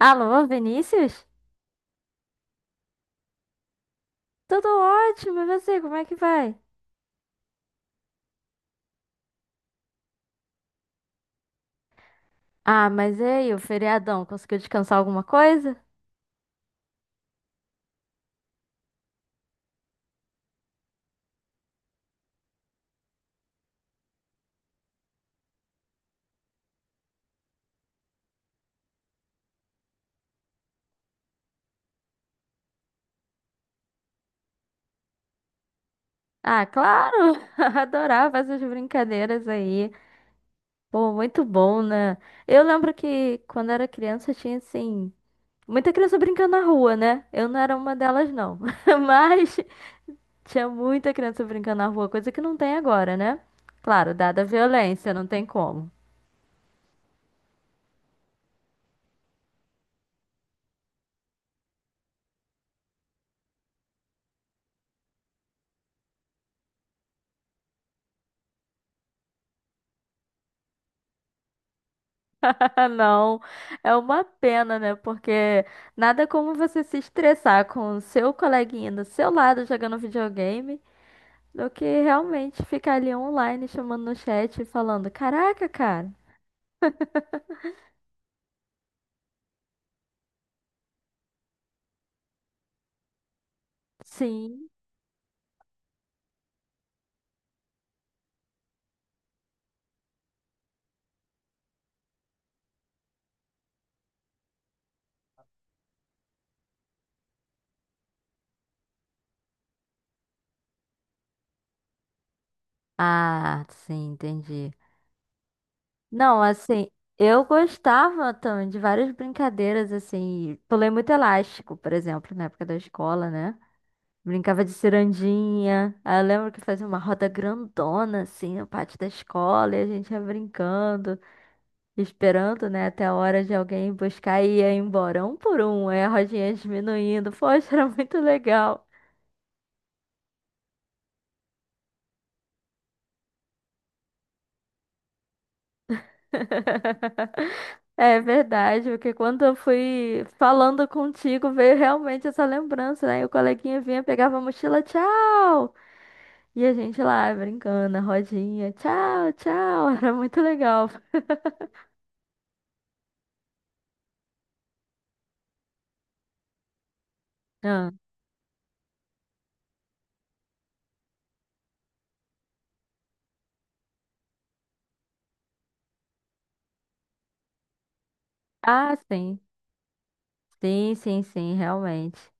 Alô, Vinícius? Tudo ótimo, e você, como é que vai? Ah, mas e aí, o feriadão, conseguiu descansar alguma coisa? Ah, claro! Adorava essas brincadeiras aí. Pô, muito bom, né? Eu lembro que quando era criança tinha, assim, muita criança brincando na rua, né? Eu não era uma delas, não. Mas tinha muita criança brincando na rua, coisa que não tem agora, né? Claro, dada a violência, não tem como. Ah, Não, é uma pena, né? Porque nada como você se estressar com o seu coleguinha do seu lado jogando videogame do que realmente ficar ali online chamando no chat e falando: Caraca, cara, sim. Ah, sim, entendi. Não, assim, eu gostava também de várias brincadeiras, assim, pulei muito elástico, por exemplo, na época da escola, né? Brincava de cirandinha. Aí eu lembro que fazia uma roda grandona, assim, no pátio da escola, e a gente ia brincando, esperando, né, até a hora de alguém ir buscar e ia embora, um por um, aí a rodinha diminuindo. Poxa, era muito legal. É verdade, porque quando eu fui falando contigo, veio realmente essa lembrança, né? E o coleguinha vinha, pegava a mochila, tchau! E a gente lá brincando, a rodinha, tchau, tchau, era muito legal. Ah, ah, sim. Sim, sim, sim, realmente.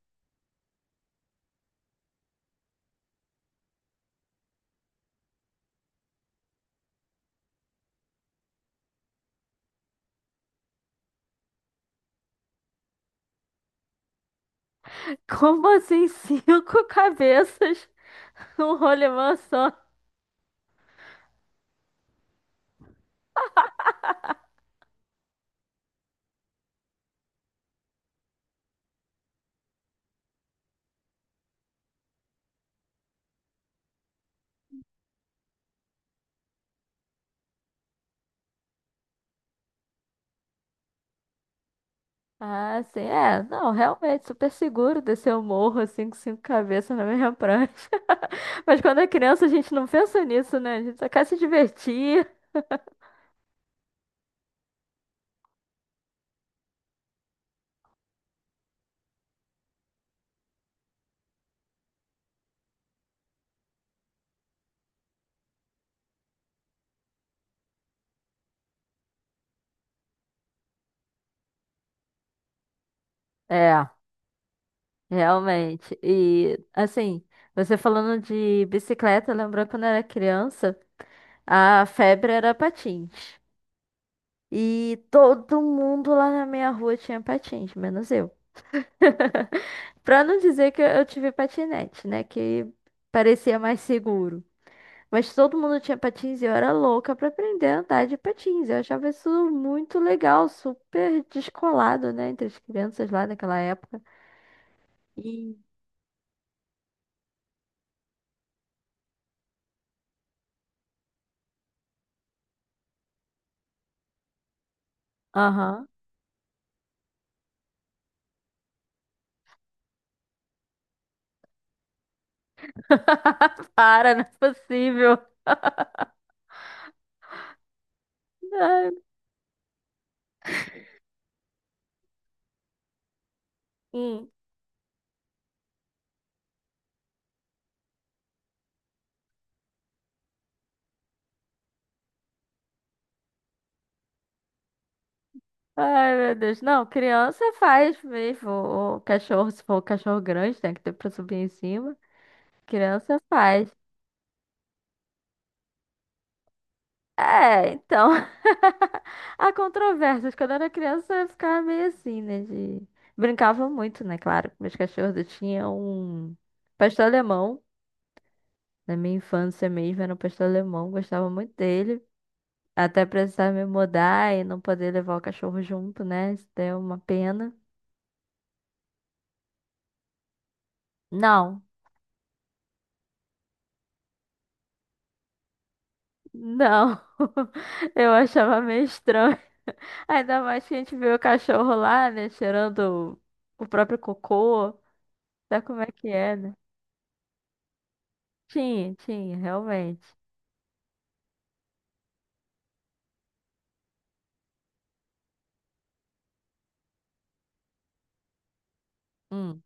Como assim cinco cabeças num rolemã só? Ah, sim, é. Não, realmente, super seguro descer o morro assim com cinco cabeças na mesma prancha. Mas quando é criança a gente não pensa nisso, né? A gente só quer se divertir. É, realmente. E, assim, você falando de bicicleta, lembrou quando eu era criança, a febre era patins. E todo mundo lá na minha rua tinha patins, menos eu. Pra não dizer que eu tive patinete, né? Que parecia mais seguro. Mas todo mundo tinha patins e eu era louca pra aprender a andar de patins. Eu achava isso muito legal, super descolado, né? Entre as crianças lá naquela época. E. Aham. Para, não é possível. Ai, hum. Ai, meu Deus. Não, criança faz mesmo. O cachorro, se for o cachorro grande, tem que ter pra subir em cima. Criança faz. É, então. Há controvérsias. Quando eu era criança, eu ficava meio assim, né? De... Brincava muito, né? Claro, com meus cachorros. Eu tinha um pastor alemão. Na minha infância mesmo, era um pastor alemão. Gostava muito dele. Até precisar me mudar e não poder levar o cachorro junto, né? Isso deu uma pena. Não, não. Eu achava meio estranho. Ainda mais que a gente vê o cachorro lá, né? Cheirando o próprio cocô. Sabe como é que é, né? Tinha, tinha, realmente. Hum.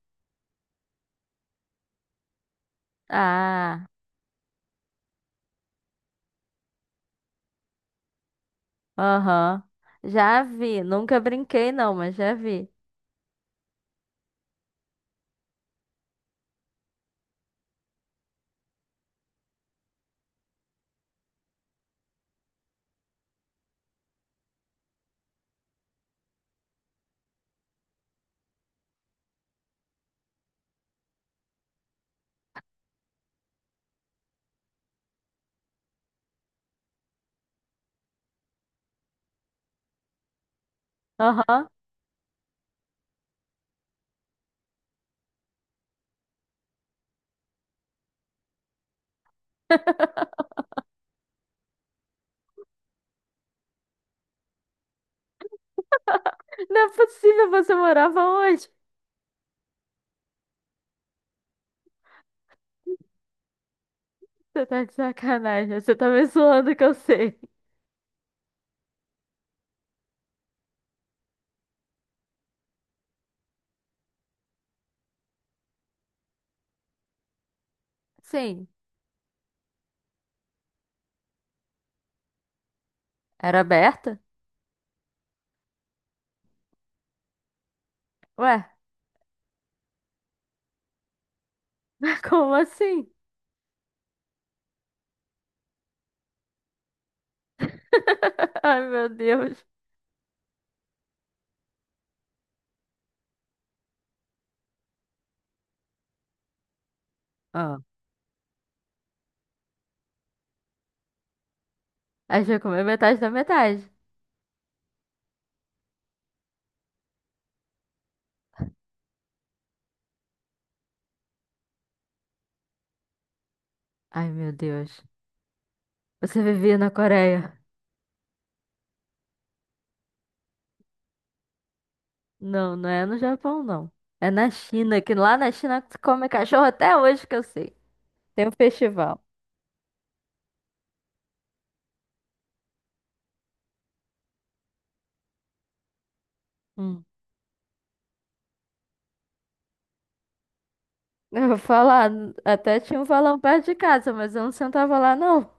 Ah, aham. Já vi. Nunca brinquei, não, mas já vi. Aham. Não é possível, você morava onde? Você tá de sacanagem. Você tá me zoando que eu sei. Sim. Era aberta? Ué, como assim? Ai, meu Deus. Ah. Aí já comeu metade da metade. Ai, meu Deus. Você vivia na Coreia. Não, não é no Japão, não. É na China, que lá na China se come cachorro até hoje que eu sei. Tem um festival. Hum. Eu vou falar, até tinha um valão perto de casa, mas eu não sentava lá, não.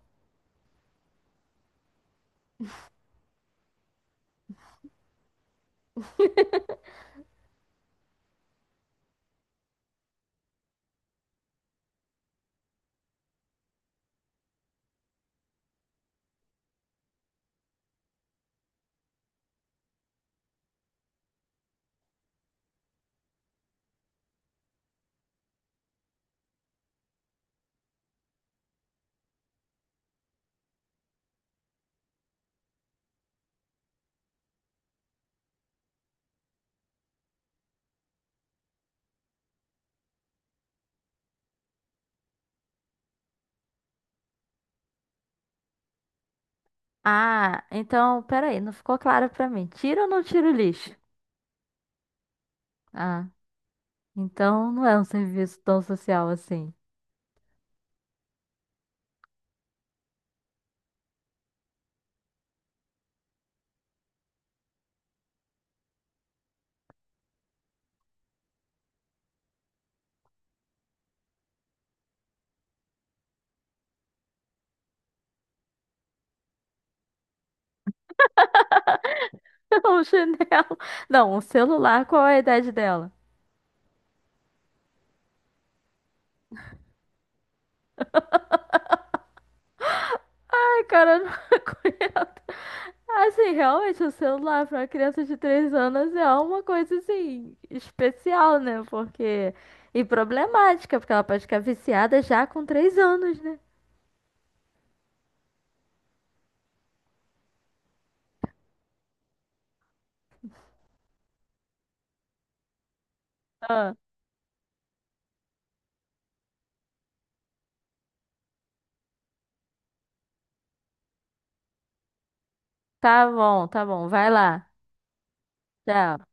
Ah, então, peraí, não ficou claro pra mim. Tira ou não tira o lixo? Ah, então não é um serviço tão social assim. Um chinelo. Não, um celular, qual é a idade dela? Ai, cara, eu não conheço. Assim, realmente, o celular para uma criança de 3 anos é uma coisa assim especial, né? Porque e problemática, porque ela pode ficar viciada já com 3 anos, né? Ah, tá bom, vai lá. Tchau.